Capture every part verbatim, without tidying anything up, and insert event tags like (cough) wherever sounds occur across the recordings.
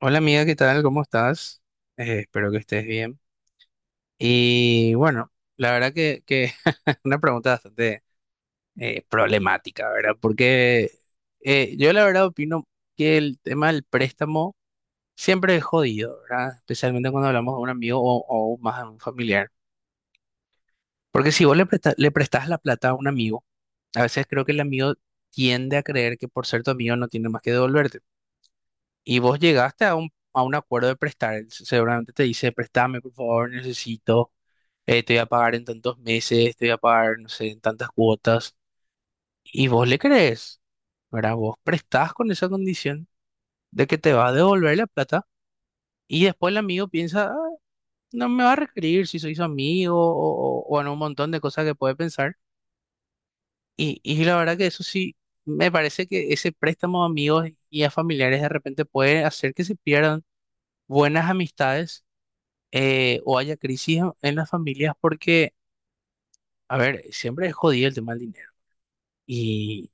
Hola amiga, ¿qué tal? ¿Cómo estás? Eh, espero que estés bien. Y bueno, la verdad que, que (laughs) una pregunta bastante eh, problemática, ¿verdad? Porque eh, yo la verdad opino que el tema del préstamo siempre es jodido, ¿verdad? Especialmente cuando hablamos de un amigo o, o más a un familiar. Porque si vos le presta- le prestás la plata a un amigo, a veces creo que el amigo tiende a creer que por ser tu amigo no tiene más que devolverte. Y vos llegaste a un, a un acuerdo de prestar. Él se- Seguramente te dice, préstame, por favor, necesito, eh, te voy a pagar en tantos meses, te voy a pagar, no sé, en tantas cuotas. Y vos le crees, ¿verdad? Vos prestás con esa condición de que te va a devolver la plata. Y después el amigo piensa, "Ah, no me va a requerir si soy su amigo o, o- o en un montón de cosas que puede pensar". Y, y la verdad que eso sí, me parece que ese préstamo a amigos y a familiares de repente puede hacer que se pierdan buenas amistades, eh, o haya crisis en las familias porque, a ver, siempre es jodido el tema del dinero. Y,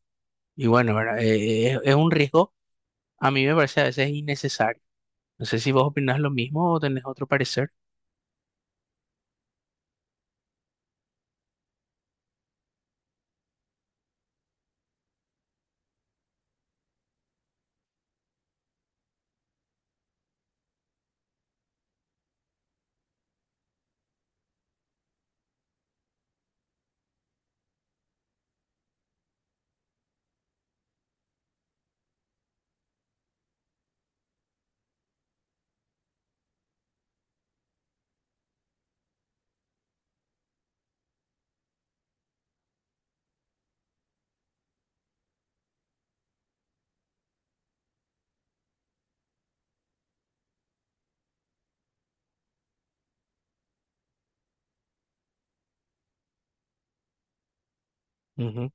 y bueno, ¿verdad? Eh, es, es un riesgo, a mí me parece a veces innecesario. No sé si vos opinás lo mismo o tenés otro parecer. Ujú.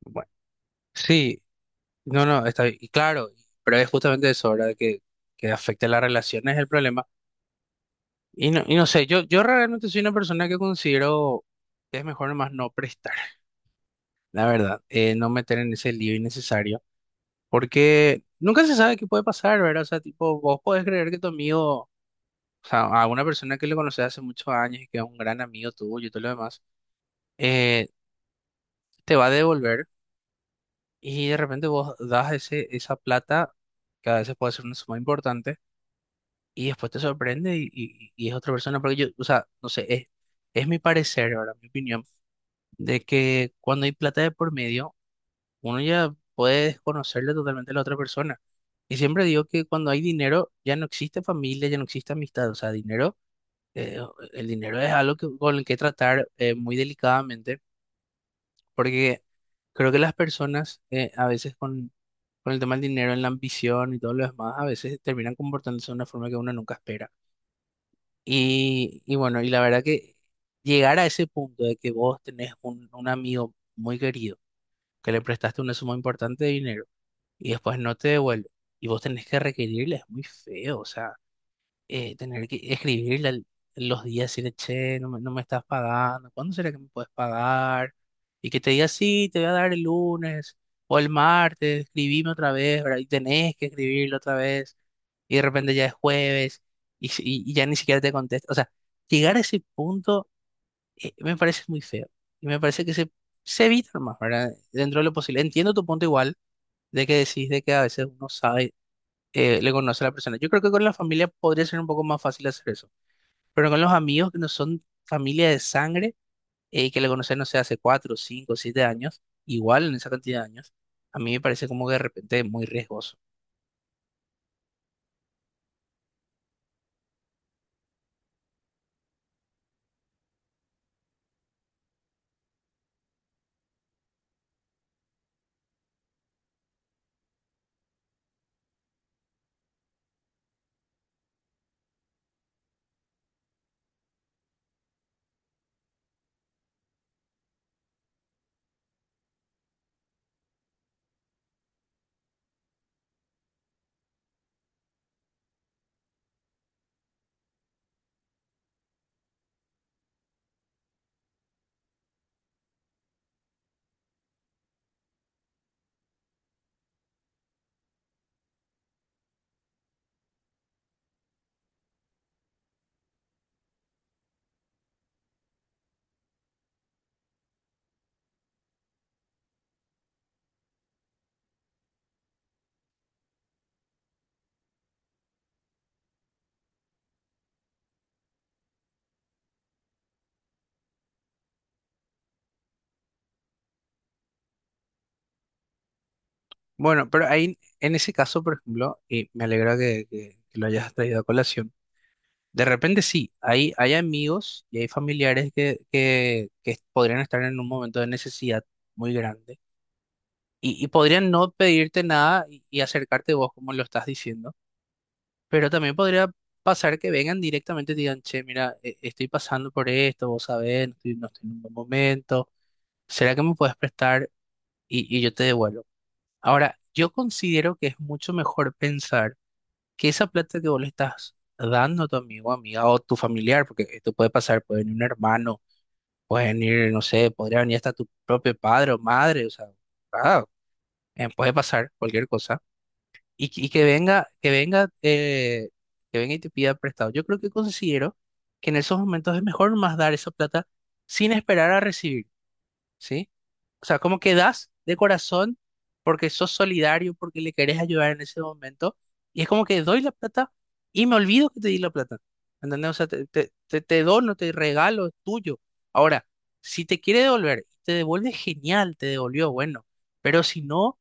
Bueno, sí, no, no, está bien. Y claro, pero es justamente eso, ¿verdad? Que, que afecta a las relaciones el problema. Y no, y no sé, yo, yo realmente soy una persona que considero que es mejor nomás no prestar, la verdad, eh, no meter en ese lío innecesario. Porque nunca se sabe qué puede pasar, ¿verdad? O sea, tipo, vos podés creer que tu amigo, o sea, a una persona que le conoces hace muchos años y que es un gran amigo tuyo y todo lo demás, eh, te va a devolver, y de repente vos das ese, esa plata, que a veces puede ser una suma importante, y después te sorprende y, y- y es otra persona. Porque yo, o sea, no sé, es, es mi parecer, ¿verdad? Mi opinión, de que cuando hay plata de por medio, uno ya puede desconocerle totalmente a la otra persona. Y siempre digo que cuando hay dinero ya no existe familia, ya no existe amistad. O sea, dinero, eh, el dinero es algo que- con el que tratar eh, muy delicadamente, porque creo que las personas, eh, a veces con, con el tema del dinero, en la ambición y todo lo demás, a veces terminan comportándose de una forma que uno nunca espera. Y, y bueno, y la verdad que llegar a ese punto de que vos tenés un, un amigo muy querido, que le prestaste una suma importante de dinero, y después no te devuelve. Y vos tenés que requerirle, es muy feo, o sea, eh, tener que escribirle al- los días, decirle, che, no me, no me estás pagando, ¿cuándo será que me puedes pagar? Y que te diga, sí, te voy a dar el lunes o el martes, escribime otra vez, ¿verdad? Y tenés que escribirlo otra vez, y de repente ya es jueves, y, si- y- y ya ni siquiera te contesta. O sea, llegar a ese punto, eh, me parece muy feo, y me parece que se, se evita más, ¿verdad? Dentro de lo posible. Entiendo tu punto igual de que decís de que a veces uno sabe, eh, le conoce a la persona. Yo creo que con la familia podría ser un poco más fácil hacer eso, pero con los amigos que no son familia de sangre, eh, y que le conocen, no sé, hace cuatro, cinco, siete años, igual en esa cantidad de años, a mí me parece como que de repente es muy riesgoso. Bueno, pero ahí, en ese caso, por ejemplo, y me alegra que, que- que lo hayas traído a colación. De repente sí, hay, hay amigos y hay familiares que, que que podrían estar en un momento de necesidad muy grande. Y, y podrían no pedirte nada y, y acercarte vos, como lo estás diciendo. Pero también podría pasar que vengan directamente y digan, che, mira, e- estoy pasando por esto, vos sabés, no estoy, no estoy en un buen momento. ¿Será que me puedes prestar? Y, y yo te devuelvo. Ahora, yo considero que es mucho mejor pensar que esa plata que vos le estás dando a tu amigo, amiga o tu familiar, porque esto puede pasar, puede venir un hermano, puede venir, no sé, podría venir hasta tu propio padre o madre, o sea, ah, eh, puede pasar cualquier cosa. Y, que- y que venga, que venga, eh, que venga y te pida prestado. Yo creo que considero que en esos momentos es mejor más dar esa plata sin esperar a recibir, ¿sí? O sea, como que das de corazón porque sos solidario, porque le querés ayudar en ese momento. Y es como que doy la plata y me olvido que te di la plata. ¿Entendés? O sea, te, te, te, te dono, te regalo, es tuyo. Ahora, si te quiere devolver, te devuelve genial, te devolvió, bueno. Pero si no,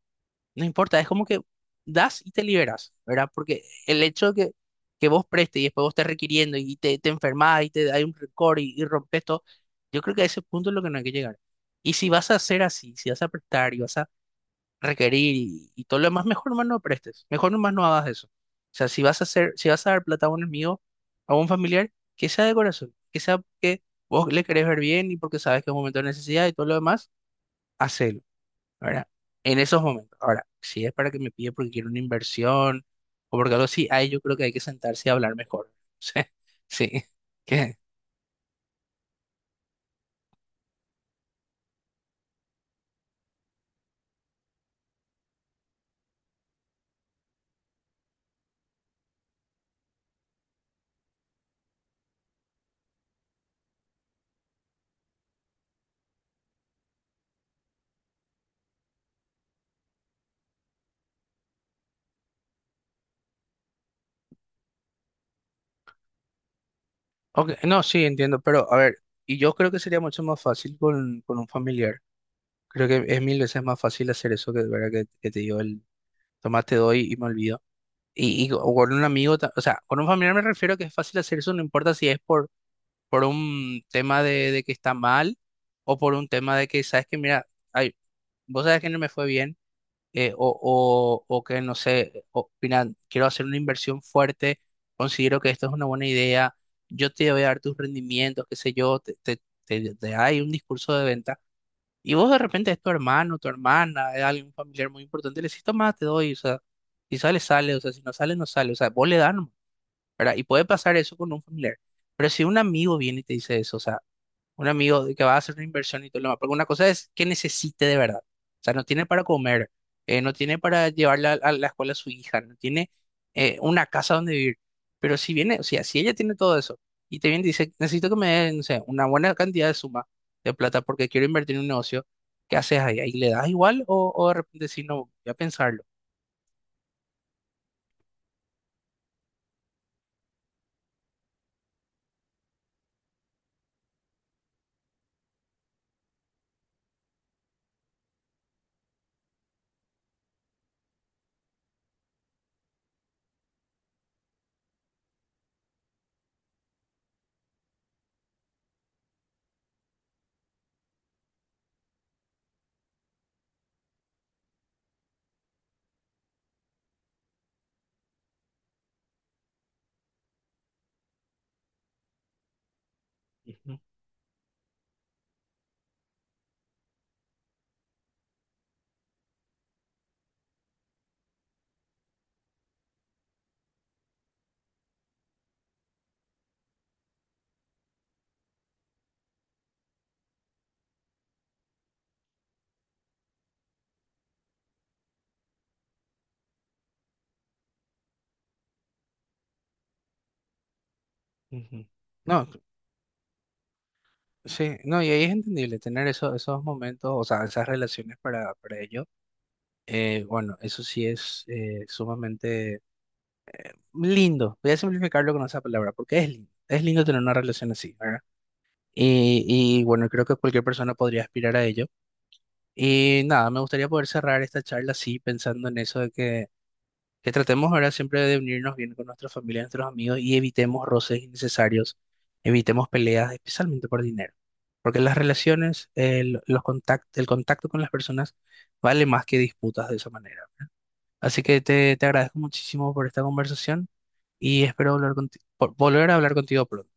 no importa, es como que das y te liberas, ¿verdad? Porque el hecho de que, que vos prestes y después vos estés requiriendo y te, te enfermas y te hay un récord y, y rompes todo, yo creo que a ese punto es lo que no hay que llegar. Y si vas a hacer así, si vas a prestar y vas a requerir y, y todo lo demás, mejor nomás no prestes, mejor nomás no hagas eso. O sea, si vas a hacer, si vas a dar plata a un amigo, a un familiar, que sea de corazón, que sea porque vos le querés ver bien y porque sabes que es un momento de necesidad y todo lo demás, hacelo. ¿Verdad? En esos momentos. Ahora, si es para que me pide porque quiere una inversión o porque algo así, ahí yo creo que hay que sentarse y hablar mejor. (laughs) Sí, sí. ¿Qué? Ok, no, sí, entiendo, pero a ver, y yo creo que sería mucho más fácil con, con un familiar. Creo que es mil veces más fácil hacer eso que, ¿verdad? que, que te digo, el tomás, te doy y me olvido. Y, y co- o con un amigo, ta- o sea, con un familiar me refiero a que es fácil hacer eso, no importa si es por, por un tema de, de que está mal o por un tema de que, sabes que, mira, ay, vos sabes que no me fue bien. Eh, o, o, o que, no sé, opinan, quiero hacer una inversión fuerte, considero que esto es una buena idea, yo te voy a dar tus rendimientos, qué sé yo, te, te, te, te hay un discurso de venta, y vos de repente es tu hermano, tu hermana, es alguien familiar muy importante, le decís, toma, te doy, o sea, si sale, sale, o sea, si no sale, no sale, o sea, vos le das, nomás, ¿verdad? Y puede pasar eso con un familiar, pero si un amigo viene y te dice eso, o sea, un amigo de que va a hacer una inversión y todo lo demás, porque una cosa es que necesite de verdad. O sea, no tiene para comer, eh, no tiene para llevarla a, a la escuela a su hija, no tiene, eh, una casa donde vivir. Pero si viene, o sea, si ella tiene todo eso y te viene y dice, necesito que me den, no sé, una buena cantidad de suma de plata porque quiero invertir en un negocio, ¿qué haces ahí? ¿Ahí le das igual o, o de repente si no, voy a pensarlo? Ujú, ujú. No, sí, no, y ahí es entendible tener eso, esos momentos, o sea, esas relaciones para, para ellos. Eh, bueno, eso sí es, eh, sumamente lindo. Voy a simplificarlo con esa palabra, porque es lindo. Es lindo tener una relación así, ¿verdad? Y, y bueno, creo que cualquier persona podría aspirar a ello. Y nada, me gustaría poder cerrar esta charla así, pensando en eso de que, que tratemos ahora siempre de unirnos bien con nuestra familia, nuestros amigos y evitemos roces innecesarios, evitemos peleas, especialmente por dinero. Porque las relaciones, el, los contact- el contacto con las personas vale más que disputas de esa manera. Así que te, te agradezco muchísimo por esta conversación y espero hablar conti- por- volver a hablar contigo pronto.